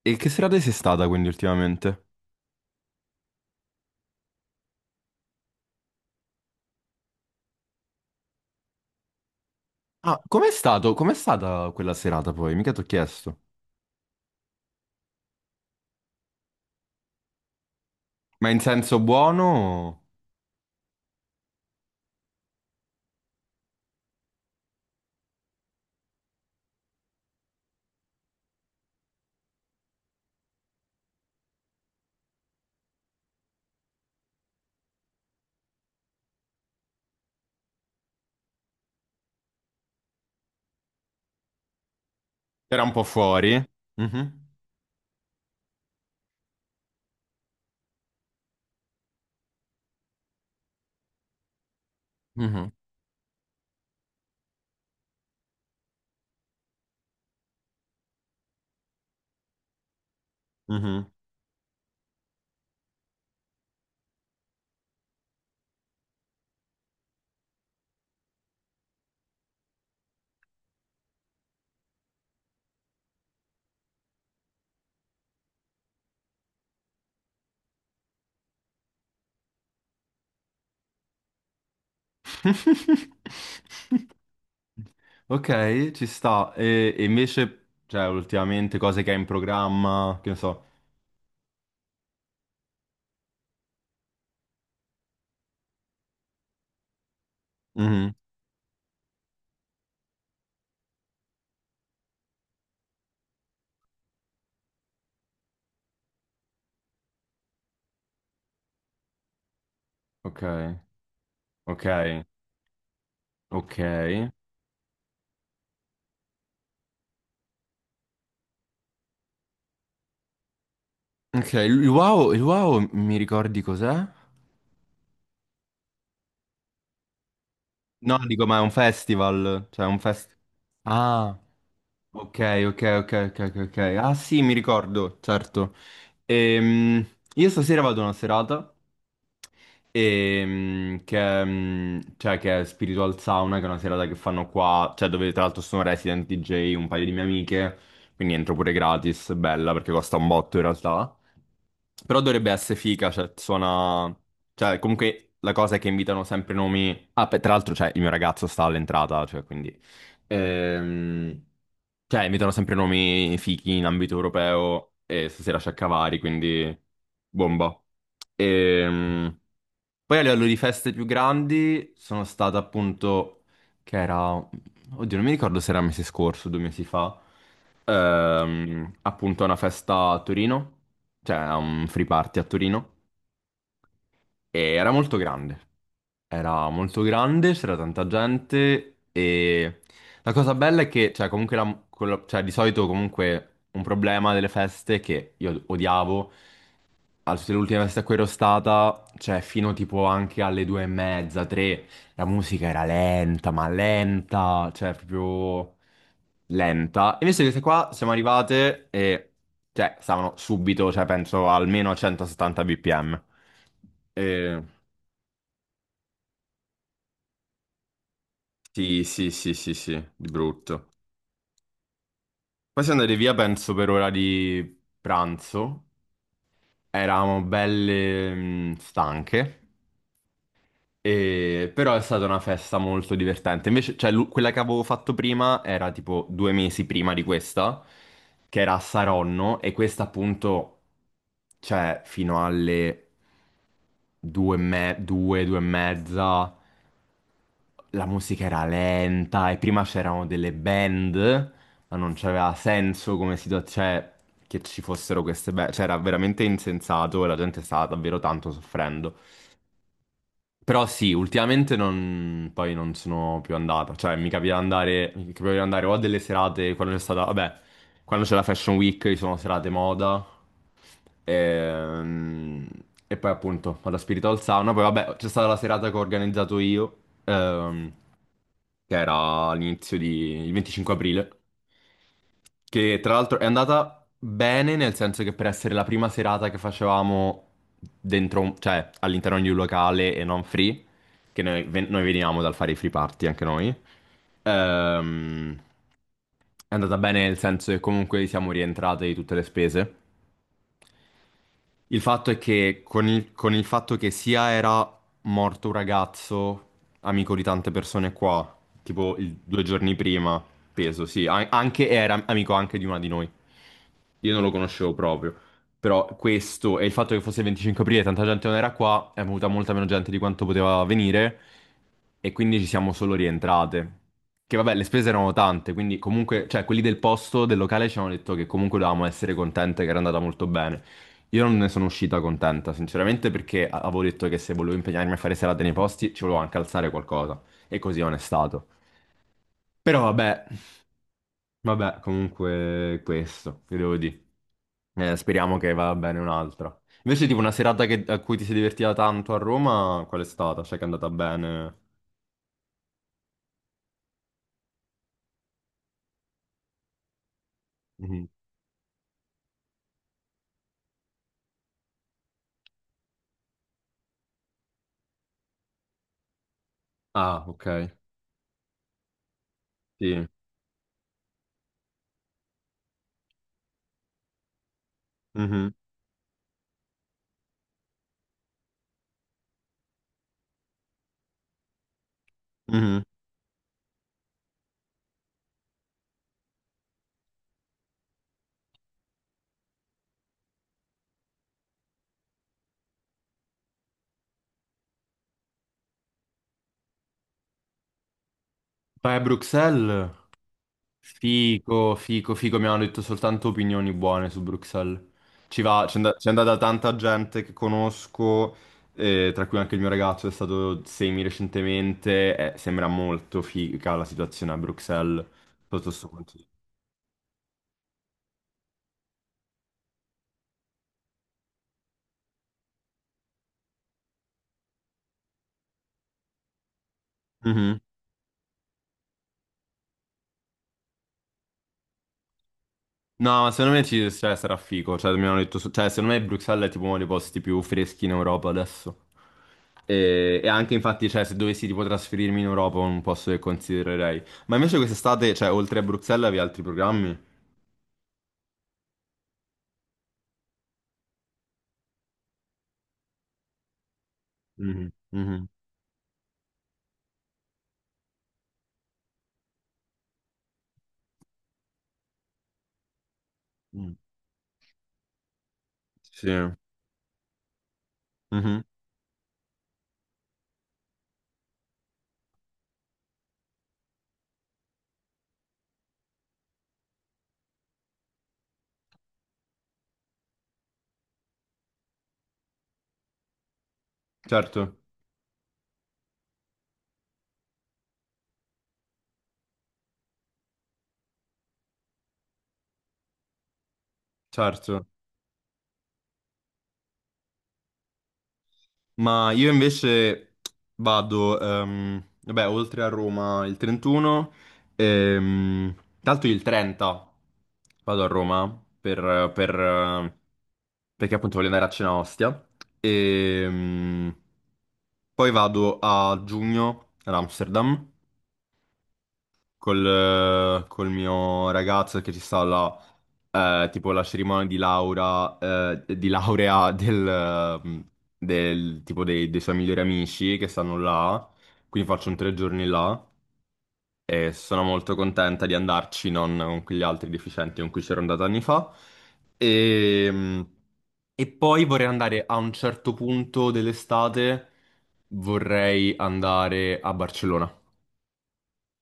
E che serata sei stata quindi ultimamente? Ah, com'è stato? Com'è stata quella serata poi? Mica t'ho chiesto. Ma in senso buono? o- Era un po' fuori? Mhm, mhm, mhm. Ok, ci sta. E invece, cioè, ultimamente cose che hai in programma, che ne so. Mhm. Ok, ok, ok. Ok, il wow, mi ricordi cos'è? No, dico, ma è un festival, cioè è un festival. Ah. Ok, ok, ok, ok, ok. Ok. Ah sì, mi ricordo, certo. Ehm, io stasera vado a una serata, cioè, che è Spiritual Sauna, che è una serata che fanno qua, cioè dove tra l'altro sono resident DJ un paio di mie amiche, quindi entro pure gratis, bella perché costa un botto in realtà. Però dovrebbe essere figa, cioè, suona. Cioè, comunque la cosa è che invitano sempre nomi. Ah, beh, tra l'altro, cioè, il mio ragazzo sta all'entrata, cioè, quindi. Ehm... Cioè, invitano sempre nomi fighi in ambito europeo e stasera c'è Cavari, quindi. Bomba. Ehm... Poi a livello di feste più grandi sono stato appunto, che era, oddio non mi ricordo se era mese scorso, due mesi fa, appunto a una festa a Torino, cioè a un free party a Torino, e era molto grande. Era molto grande, c'era tanta gente e la cosa bella è che, cioè, comunque cioè, di solito comunque un problema delle feste che io odiavo, a tutte le ultime feste a cui ero stata, cioè fino tipo anche alle due e mezza, tre, la musica era lenta, ma lenta, cioè proprio lenta. Invece queste qua siamo arrivate e, cioè, stavano subito, cioè penso almeno a 170 bpm. E... Sì, sì, sì, sì, sì, di brutto. Poi siamo andati via, penso, per ora di pranzo. Eravamo belle stanche, però è stata una festa molto divertente. Invece, cioè, quella che avevo fatto prima era tipo due mesi prima di questa, che era a Saronno, e questa appunto, cioè, fino alle due, e due, due e mezza. La musica era lenta e prima c'erano delle band, ma non c'aveva senso come situazione, che ci fossero queste band. Cioè, era veramente insensato e la gente stava davvero tanto soffrendo. Però sì, ultimamente non, poi non sono più andato, cioè mi capita di andare o a delle serate quando c'è stata, vabbè, quando c'è la Fashion Week ci sono serate moda, ehm, e, poi appunto alla Spiritual Sauna, poi vabbè c'è stata la serata che ho organizzato io, ehm, che era all'inizio di, il 25 aprile, che tra l'altro è andata bene, nel senso che per essere la prima serata che facevamo dentro, cioè all'interno di un locale e non free, che noi veniamo dal fare i free party anche noi, ehm, è andata bene nel senso che comunque siamo rientrate di tutte le spese. Il fatto è che con il fatto che sia era morto un ragazzo, amico di tante persone qua, tipo due giorni prima, peso, sì, anche era amico anche di una di noi. Io non lo conoscevo proprio, però questo e il fatto che fosse il 25 aprile e tanta gente non era qua, è venuta molta meno gente di quanto poteva venire e quindi ci siamo solo rientrate. Che vabbè, le spese erano tante, quindi comunque, cioè quelli del posto, del locale ci hanno detto che comunque dovevamo essere contente che era andata molto bene. Io non ne sono uscita contenta, sinceramente, perché avevo detto che se volevo impegnarmi a fare serate nei posti ci volevo anche alzare qualcosa. E così non è stato. Però vabbè, vabbè, comunque questo, che devo dire. Speriamo che vada bene un'altra. Invece, tipo, una serata a cui ti sei divertita tanto a Roma, qual è stata? Cioè, che è andata bene? Mhm. Ah, ok. Sì. Mhm. Mhm. Vai a Bruxelles? Fico, fico, fico, mi hanno detto soltanto opinioni buone su Bruxelles. Ci va, c'è andata tanta gente che conosco, tra cui anche il mio ragazzo è stato semi recentemente, sembra molto figa la situazione a Bruxelles sotto questo punto di vista. No, ma secondo me ci, cioè, sarà figo. Cioè, mi hanno detto, cioè, secondo me Bruxelles è tipo uno dei posti più freschi in Europa adesso. E anche infatti, cioè, se dovessi tipo trasferirmi in Europa, è un posto che considererei. Ma invece quest'estate, cioè, oltre a Bruxelles, avevi altri programmi? Mhm, mhm, mhm. Sì. Mhm. Certo, certo. Ma io invece vado, vabbè, oltre a Roma il 31, ehm, tanto il 30 vado a Roma per, perché appunto voglio andare a cena a Ostia. E poi vado a giugno ad Amsterdam col mio ragazzo che ci sta là, tipo la cerimonia di di laurea tipo dei suoi migliori amici che stanno là, quindi faccio un tre giorni là e sono molto contenta di andarci, non con quegli altri deficienti con cui c'ero andata anni fa. E, mm, e poi vorrei andare a un certo punto dell'estate, vorrei andare a Barcellona.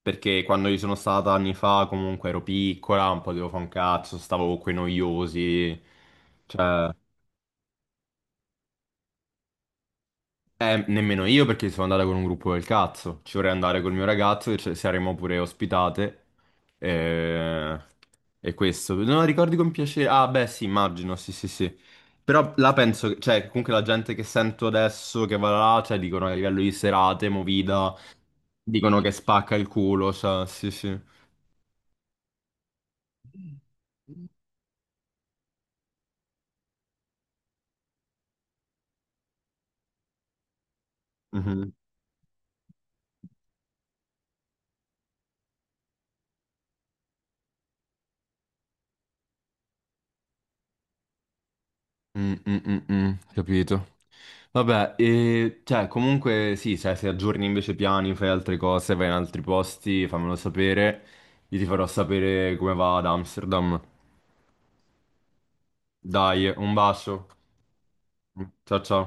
Perché quando io sono stata anni fa, comunque ero piccola, non potevo fare un cazzo, stavo con quei noiosi. Cioè, nemmeno io perché sono andata con un gruppo del cazzo. Ci vorrei andare col mio ragazzo e ci saremmo pure ospitate. E e questo. Non ricordi con piacere. Ah, beh, sì, immagino, sì, sì, sì. Però la penso, cioè, comunque la gente che sento adesso che va là, cioè, dicono che a livello di serate, movida, dicono che spacca il culo, cioè, sì, sì. Mhm. Mm, mm, mm, mm, capito. Vabbè, e cioè, comunque sì, cioè, se aggiorni invece piani, fai altre cose, vai in altri posti, fammelo sapere. Io ti farò sapere come va ad Amsterdam. Dai, un bacio. Ciao ciao.